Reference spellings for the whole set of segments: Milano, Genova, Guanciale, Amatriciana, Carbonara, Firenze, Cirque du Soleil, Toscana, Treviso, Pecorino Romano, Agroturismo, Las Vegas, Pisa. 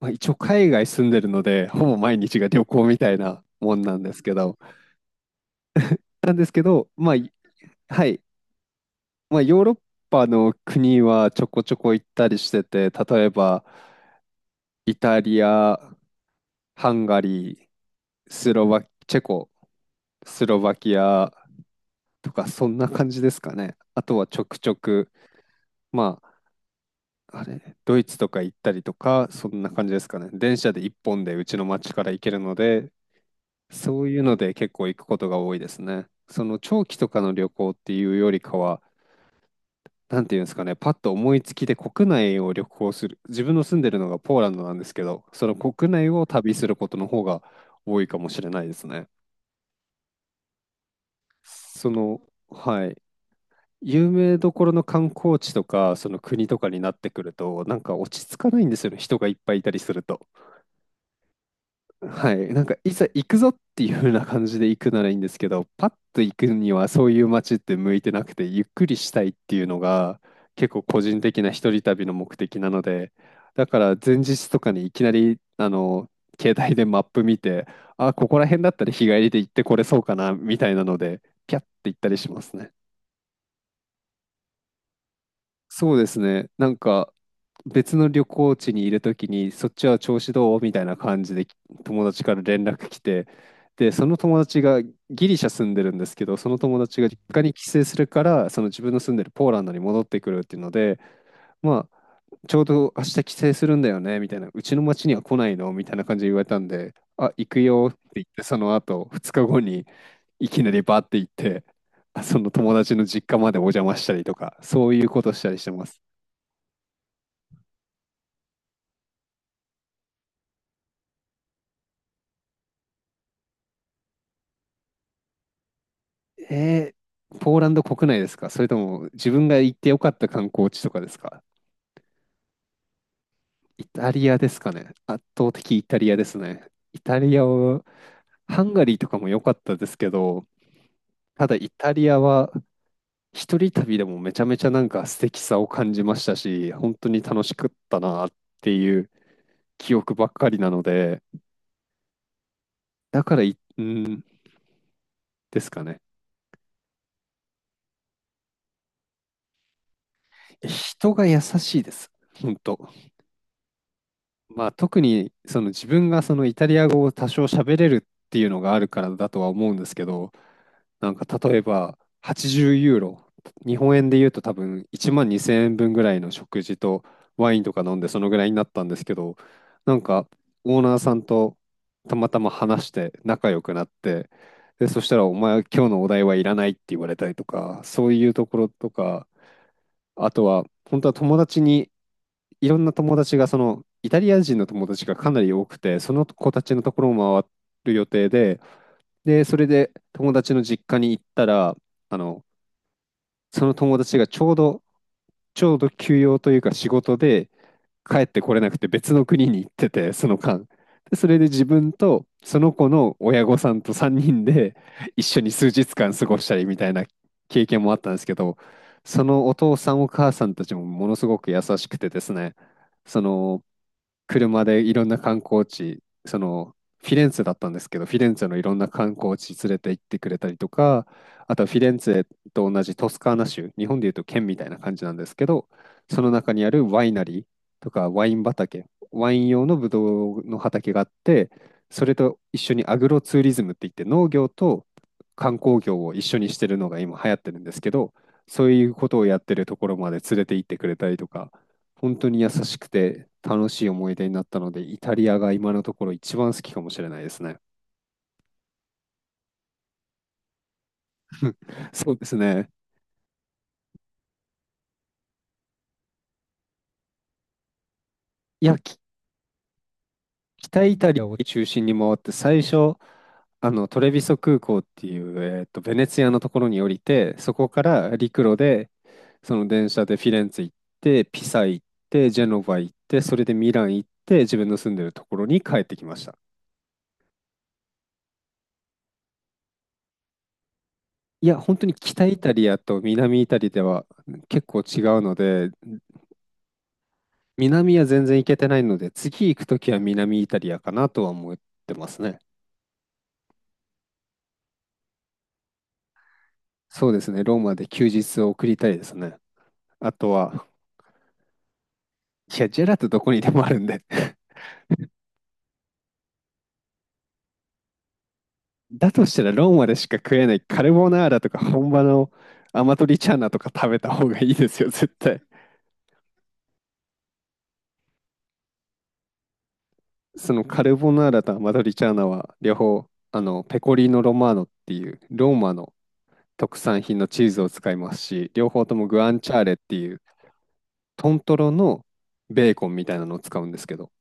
まあ、一応海外住んでるので、ほぼ毎日が旅行みたいなもんなんですけど、まあ、はい、まあ、ヨーロッパの国はちょこちょこ行ったりしてて、例えば、イタリア、ハンガリー、スロバ、チェコ、スロバキアとか、そんな感じですかね。あとはちょくちょく、まあ、あれ、ドイツとか行ったりとか、そんな感じですかね。電車で一本でうちの町から行けるので、そういうので結構行くことが多いですね。その長期とかの旅行っていうよりかは、なんていうんですかね、パッと思いつきで国内を旅行する、自分の住んでるのがポーランドなんですけど、その国内を旅することの方が多いかもしれないですね。その、はい、有名どころの観光地とか、その国とかになってくると、なんか落ち着かないんですよね、人がいっぱいいたりすると。はい、なんかいざ行くぞっていう風な感じで行くならいいんですけど、パッと行くにはそういう街って向いてなくて、ゆっくりしたいっていうのが結構個人的な一人旅の目的なので、だから前日とかにいきなりあの携帯でマップ見て、あ、ここら辺だったら日帰りで行ってこれそうかなみたいなので、ピャッて行ったりしますね。そうですね。なんか別の旅行地にいるときに、そっちは調子どうみたいな感じで友達から連絡来て、で、その友達がギリシャ住んでるんですけど、その友達が実家に帰省するから、その自分の住んでるポーランドに戻ってくるっていうので、まあ、ちょうど明日帰省するんだよね、みたいな、うちの町には来ないのみたいな感じで言われたんで、あ、行くよって言って、その後、2日後にいきなりバーって行って、あその友達の実家までお邪魔したりとか、そういうことしたりしてます。えー、ポーランド国内ですか？それとも自分が行ってよかった観光地とかですか？イタリアですかね、圧倒的イタリアですね。イタリアは、ハンガリーとかも良かったですけど、ただイタリアは一人旅でもめちゃめちゃなんか素敵さを感じましたし、本当に楽しかったなっていう記憶ばっかりなので、だからうんですかね。人が優しいです。本当。まあ、特にその自分がそのイタリア語を多少喋れるっていうのがあるからだとは思うんですけど、なんか例えば80ユーロ、日本円で言うと多分1万2000円分ぐらいの食事とワインとか飲んでそのぐらいになったんですけど、なんかオーナーさんとたまたま話して仲良くなって、で、そしたらお前は今日のお題はいらないって言われたりとか、そういうところとか、あとは本当は友達にいろんな友達が、その、イタリア人の友達がかなり多くて、その子たちのところを回る予定で、で、それで友達の実家に行ったら、あの、その友達がちょうど、休養というか仕事で帰ってこれなくて別の国に行ってて、その間。で、それで自分とその子の親御さんと3人で一緒に数日間過ごしたりみたいな経験もあったんですけど、そのお父さんお母さんたちもものすごく優しくてですね、その、車でいろんな観光地、そのフィレンツェだったんですけど、フィレンツェのいろんな観光地連れて行ってくれたりとか、あとはフィレンツェと同じトスカーナ州、日本でいうと県みたいな感じなんですけど、その中にあるワイナリーとかワイン畑、ワイン用のブドウの畑があって、それと一緒にアグロツーリズムって言って農業と観光業を一緒にしてるのが今流行ってるんですけど、そういうことをやってるところまで連れて行ってくれたりとか、本当に優しくて楽しい思い出になったので、イタリアが今のところ一番好きかもしれないですね。そうですね。いや、北イタリアを中心に回って、最初、あのトレビソ空港っていう、ベネツィアのところに降りて、そこから陸路で、その電車でフィレンツェ行って、ピサ行って、ジェノバ行って、それでミラン行って、自分の住んでるところに帰ってきました。いや、本当に北イタリアと南イタリアでは結構違うので、南は全然行けてないので、次行くときは南イタリアかなとは思ってますね。そうですね、ローマで休日を送りたいですね。あとは、いや、ジェラートどこにでもあるんで。だとしたらローマでしか食えないカルボナーラとか本場のアマトリチャーナとか食べた方がいいですよ、絶対。そのカルボナーラとアマトリチャーナは両方、あの、ペコリーノ・ロマーノっていうローマの特産品のチーズを使いますし、両方ともグアンチャーレっていうトントロのベーコンみたいなのを使うんですけど、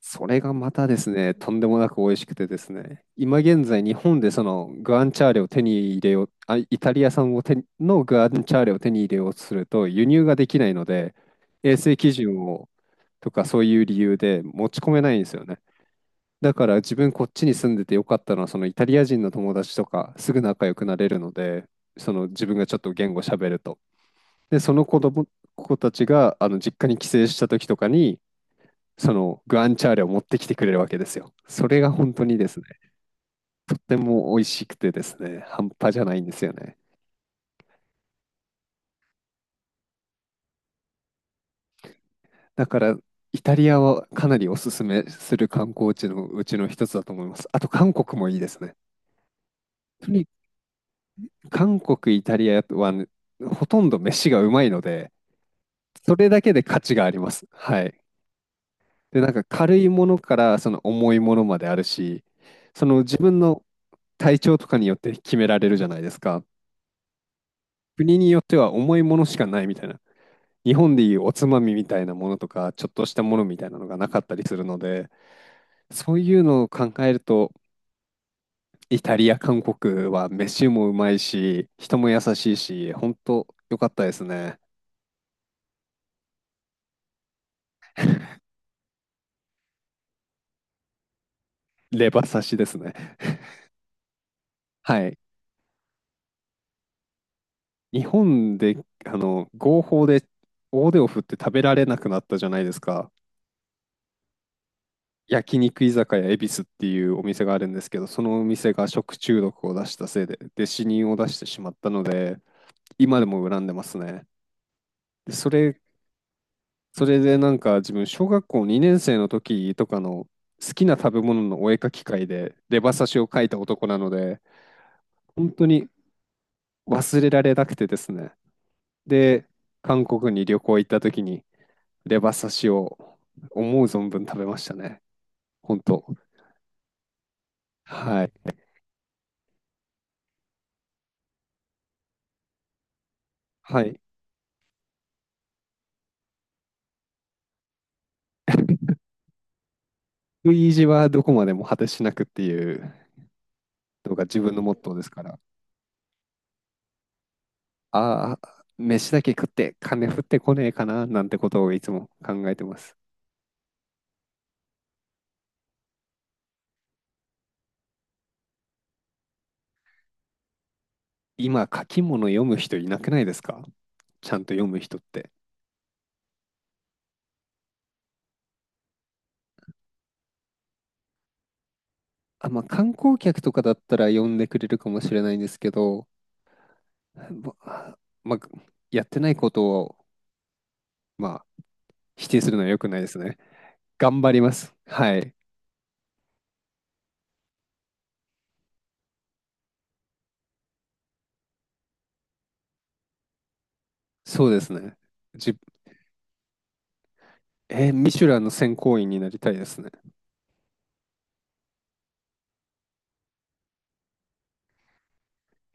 それがまたですね、とんでもなく美味しくてですね、今現在日本でそのグアンチャーレを手に入れよう、あ、イタリア産を手にのグアンチャーレを手に入れようとすると輸入ができないので、衛生基準をとかそういう理由で持ち込めないんですよね。だから自分こっちに住んでてよかったのは、そのイタリア人の友達とかすぐ仲良くなれるので、その自分がちょっと言語喋ると。で、その子たちが、あの、実家に帰省した時とかに、その、グアンチャーレを持ってきてくれるわけですよ。それが本当にですね、とっても美味しくてですね、半端じゃないんですよね。だから、イタリアはかなりおすすめする観光地のうちの一つだと思います。あと、韓国もいいですね。とに韓国、イタリアは、ね、ほとんど飯がうまいので、それだけで価値があります。はい。で、なんか軽いものからその重いものまであるし、その自分の体調とかによって決められるじゃないですか。国によっては重いものしかないみたいな。日本でいうおつまみみたいなものとか、ちょっとしたものみたいなのがなかったりするので、そういうのを考えると、イタリア、韓国は飯もうまいし、人も優しいし、本当良かったですね。レバ刺しですね。はい。日本で、あの、合法で大手を振って食べられなくなったじゃないですか。焼肉居酒屋恵比寿っていうお店があるんですけど、そのお店が食中毒を出したせいで、で、死人を出してしまったので、今でも恨んでますね。で、それでなんか自分、小学校2年生の時とかの好きな食べ物のお絵描き会で、レバ刺しを描いた男なので、本当に忘れられなくてですね。で、韓国に旅行行った時に、レバ刺しを思う存分食べましたね。本当。はい。はい。食い意地はどこまでも果てしなくっていうのが自分のモットーですから、ああ、飯だけ食って金降ってこねえかななんてことをいつも考えてます。今、書き物読む人いなくないですか、ちゃんと読む人って。あ、まあ、観光客とかだったら読んでくれるかもしれないんですけど、ままあ、やってないことを、まあ、否定するのは良くないですね。頑張ります。はい。そうですね。じ、えーミシュランの選考員になりたいですね。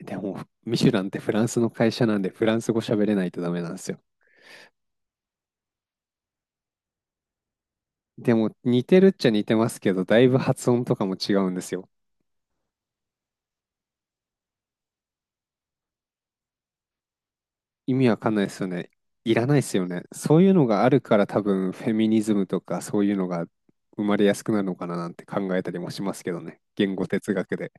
でも、ミシュランってフランスの会社なんで、フランス語喋れないとダメなんですよ。でも、似てるっちゃ似てますけど、だいぶ発音とかも違うんですよ。意味わかんないですよね。いらないですよね。そういうのがあるから多分、フェミニズムとかそういうのが生まれやすくなるのかななんて考えたりもしますけどね。言語哲学で。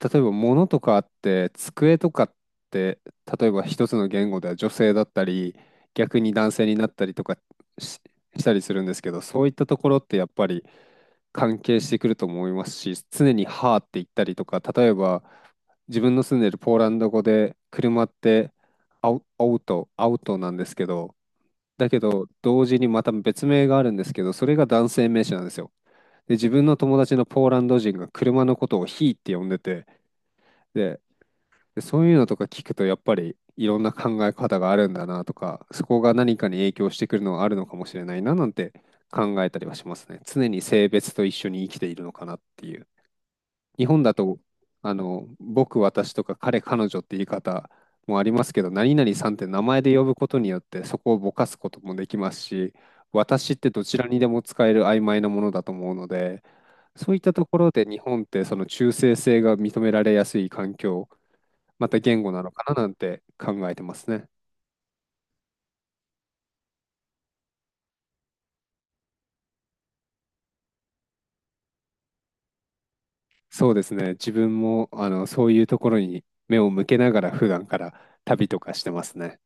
例えば、物とかあって、机とかって、例えば一つの言語では女性だったり、逆に男性になったりとかし、したりするんですけど、そういったところってやっぱり関係してくると思いますし、常にはーって言ったりとか、例えば自分の住んでるポーランド語で車ってアウトなんですけど、だけど同時にまた別名があるんですけど、それが男性名詞なんですよ。で、自分の友達のポーランド人が車のことをヒーって呼んでて、で、で、そういうのとか聞くと、やっぱりいろんな考え方があるんだなとか、そこが何かに影響してくるのはあるのかもしれないななんて考えたりはしますね。常に性別と一緒に生きているのかなっていう。日本だと、僕、私とか彼、彼女って言い方もありますけど、何々さんって名前で呼ぶことによってそこをぼかすこともできますし、私ってどちらにでも使える曖昧なものだと思うので、そういったところで日本ってその中性性が認められやすい環境、また言語なのかななんて考えてますね。そうですね。自分もそういうところに目を向けながら普段から旅とかしてますね。